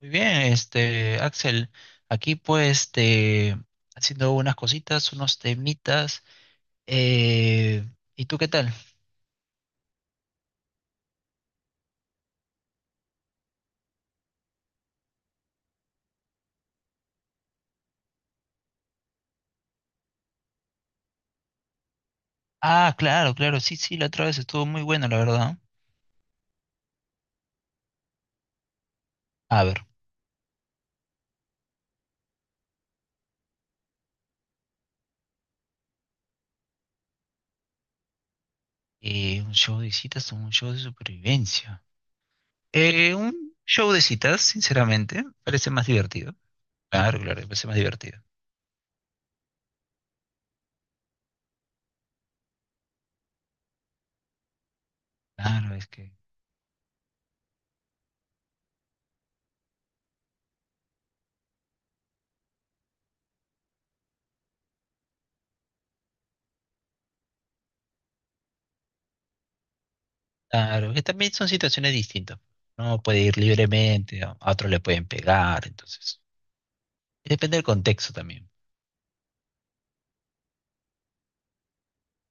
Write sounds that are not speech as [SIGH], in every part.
Muy bien, Axel, aquí pues haciendo unas cositas, unos temitas. eh, ¿Y tú qué tal? Ah, claro, claro, sí, sí, la otra vez estuvo muy buena, la verdad. A ver, un show de citas o un show de supervivencia. Un show de citas, sinceramente, parece más divertido. Claro, claro, parece más divertido. Claro, es que, claro, que también son situaciones distintas. No puede ir libremente, a otros le pueden pegar, entonces, depende del contexto también.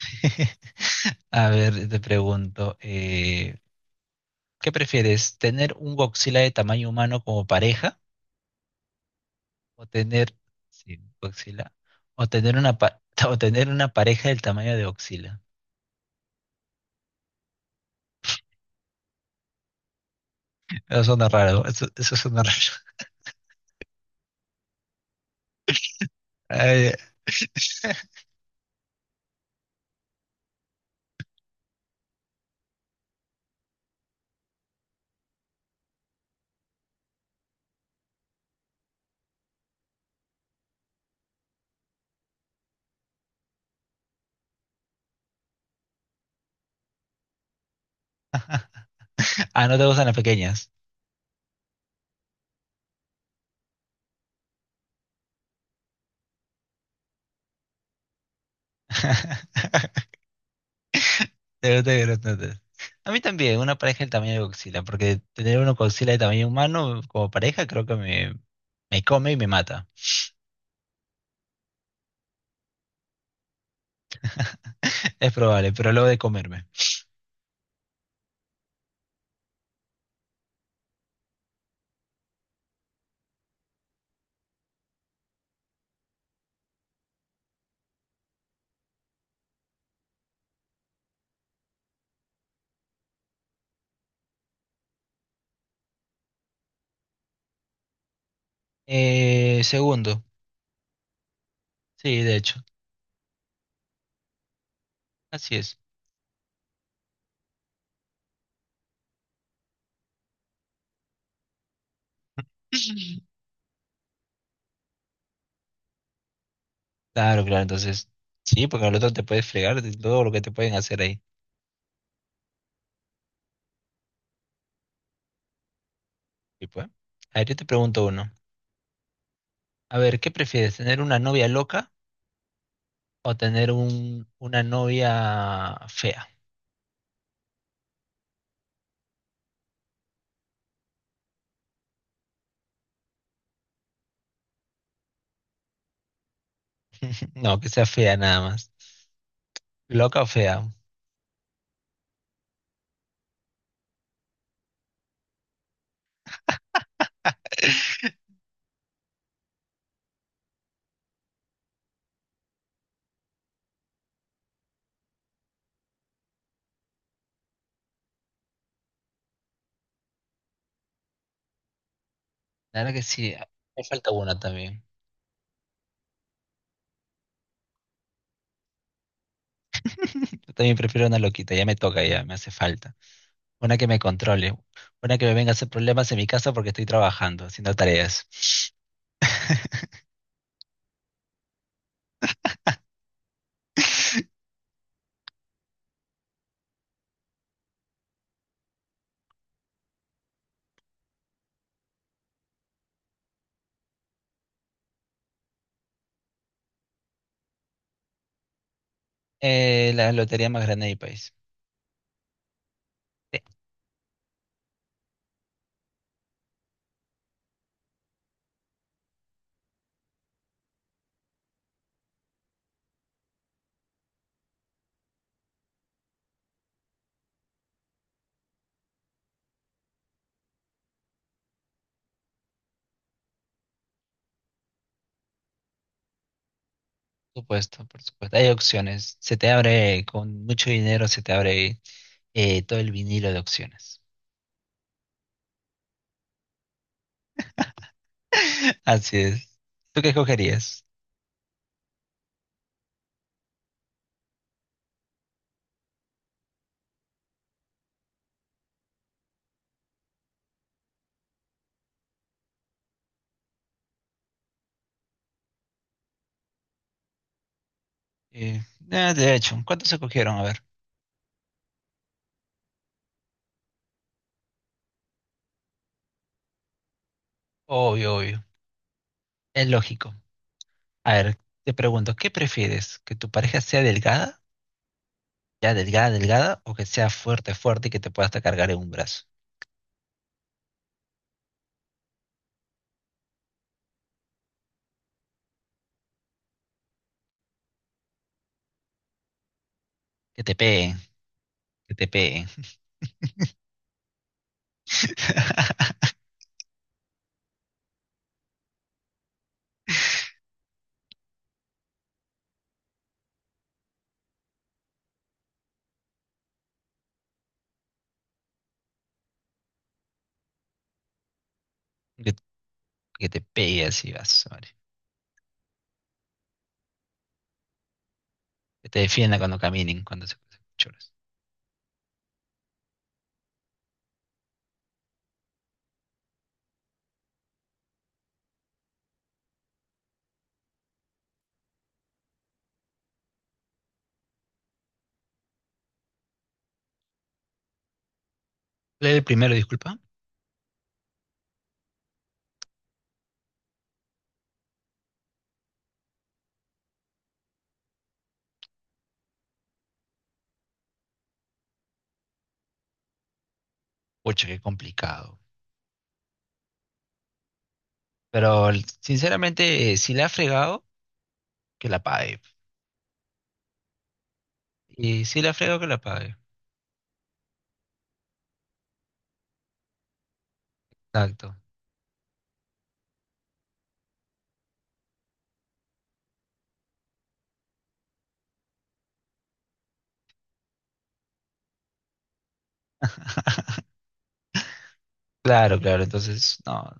[LAUGHS] A ver, te pregunto, ¿qué prefieres? ¿Tener un Godzilla de tamaño humano como pareja? ¿O tener, sí, Godzilla? ¿O tener una, [LAUGHS] o tener una pareja del tamaño de Godzilla? Eso suena raro, eso suena raro. [LAUGHS] Ay, [LAUGHS] ah, no te gustan las pequeñas. [LAUGHS] Te gustan grandotes. A mí también, una pareja del tamaño de Godzilla, porque tener uno Godzilla de tamaño humano como pareja creo que me come y me mata. [LAUGHS] Es probable, pero luego de comerme. Segundo, sí, de hecho, así es. [LAUGHS] Claro, claro, entonces, sí, porque al otro te puedes fregar de todo lo que te pueden hacer ahí. Y pues, a ver, yo te pregunto uno. A ver, ¿qué prefieres, tener una novia loca o tener una novia fea? [LAUGHS] No, que sea fea nada más. ¿Loca o fea? Claro que sí, me falta una también. [LAUGHS] Yo también prefiero una loquita, ya me toca, ya me hace falta. Una que me controle, una que me venga a hacer problemas en mi casa porque estoy trabajando, haciendo tareas. [LAUGHS] La lotería más grande del país. Sí, por supuesto, por supuesto. Hay opciones. Se te abre, con mucho dinero, se te abre todo el vinilo de opciones. [LAUGHS] Así es. ¿Tú qué escogerías? Eh, ah, de hecho, ¿cuántos escogieron? A ver. Obvio, obvio. Es lógico. A ver, te pregunto, ¿qué prefieres? ¿Que tu pareja sea delgada? ¿Ya delgada, delgada? ¿O que sea fuerte, fuerte y que te pueda hasta cargar en un brazo? Que te peguen, que te peguen. [LAUGHS] Que, que te pegue así, vas. Que te defienda cuando caminen, cuando choras. Lee el primero, disculpa. Pucha, qué complicado. Pero sinceramente, si le ha fregado, que la pague. Y si le ha fregado, que la pague. Exacto. Claro, claro. Entonces, no.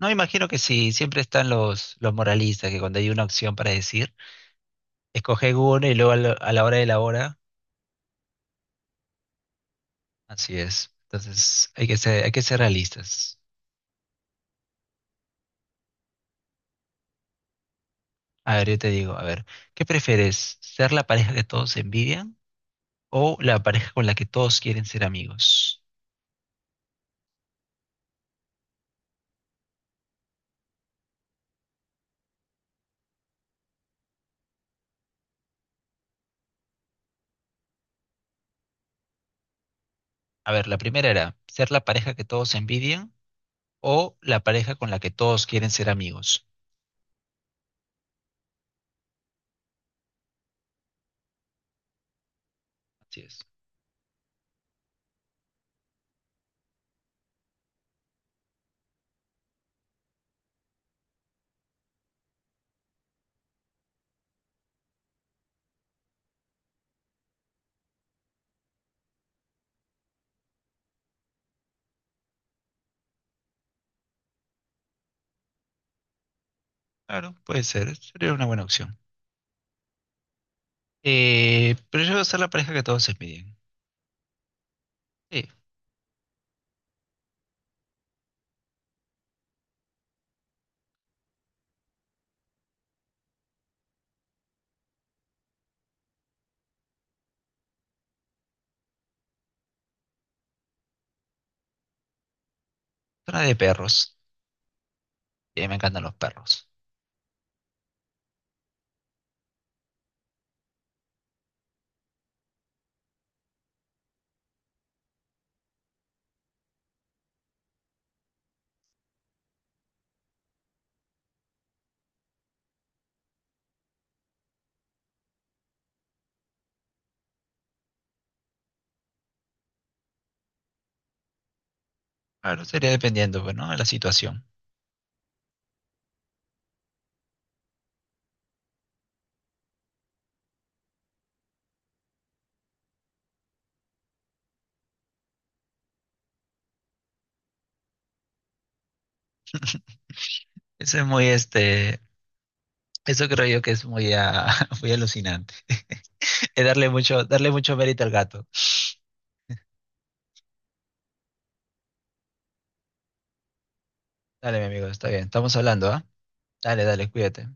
No imagino que sí. Siempre están los moralistas que cuando hay una opción para decir, escoge uno y luego a la hora de la hora. Así es. Entonces, hay que ser realistas. A ver, yo te digo, a ver, ¿qué prefieres? ¿Ser la pareja que todos envidian, o la pareja con la que todos quieren ser amigos? A ver, la primera era ser la pareja que todos envidian o la pareja con la que todos quieren ser amigos. Así es. Claro, puede ser, sería una buena opción. Pero yo voy a ser la pareja que todos envidian. Sí, zona de perros. Y a mí me encantan los perros. Claro, sería dependiendo, pues, ¿no? De la situación. Eso es muy. Eso creo yo que es muy, ah, [LAUGHS] muy alucinante. Es darle mucho mérito al gato. Dale, mi amigo, está bien. Estamos hablando, ¿ah? Dale, dale, cuídate.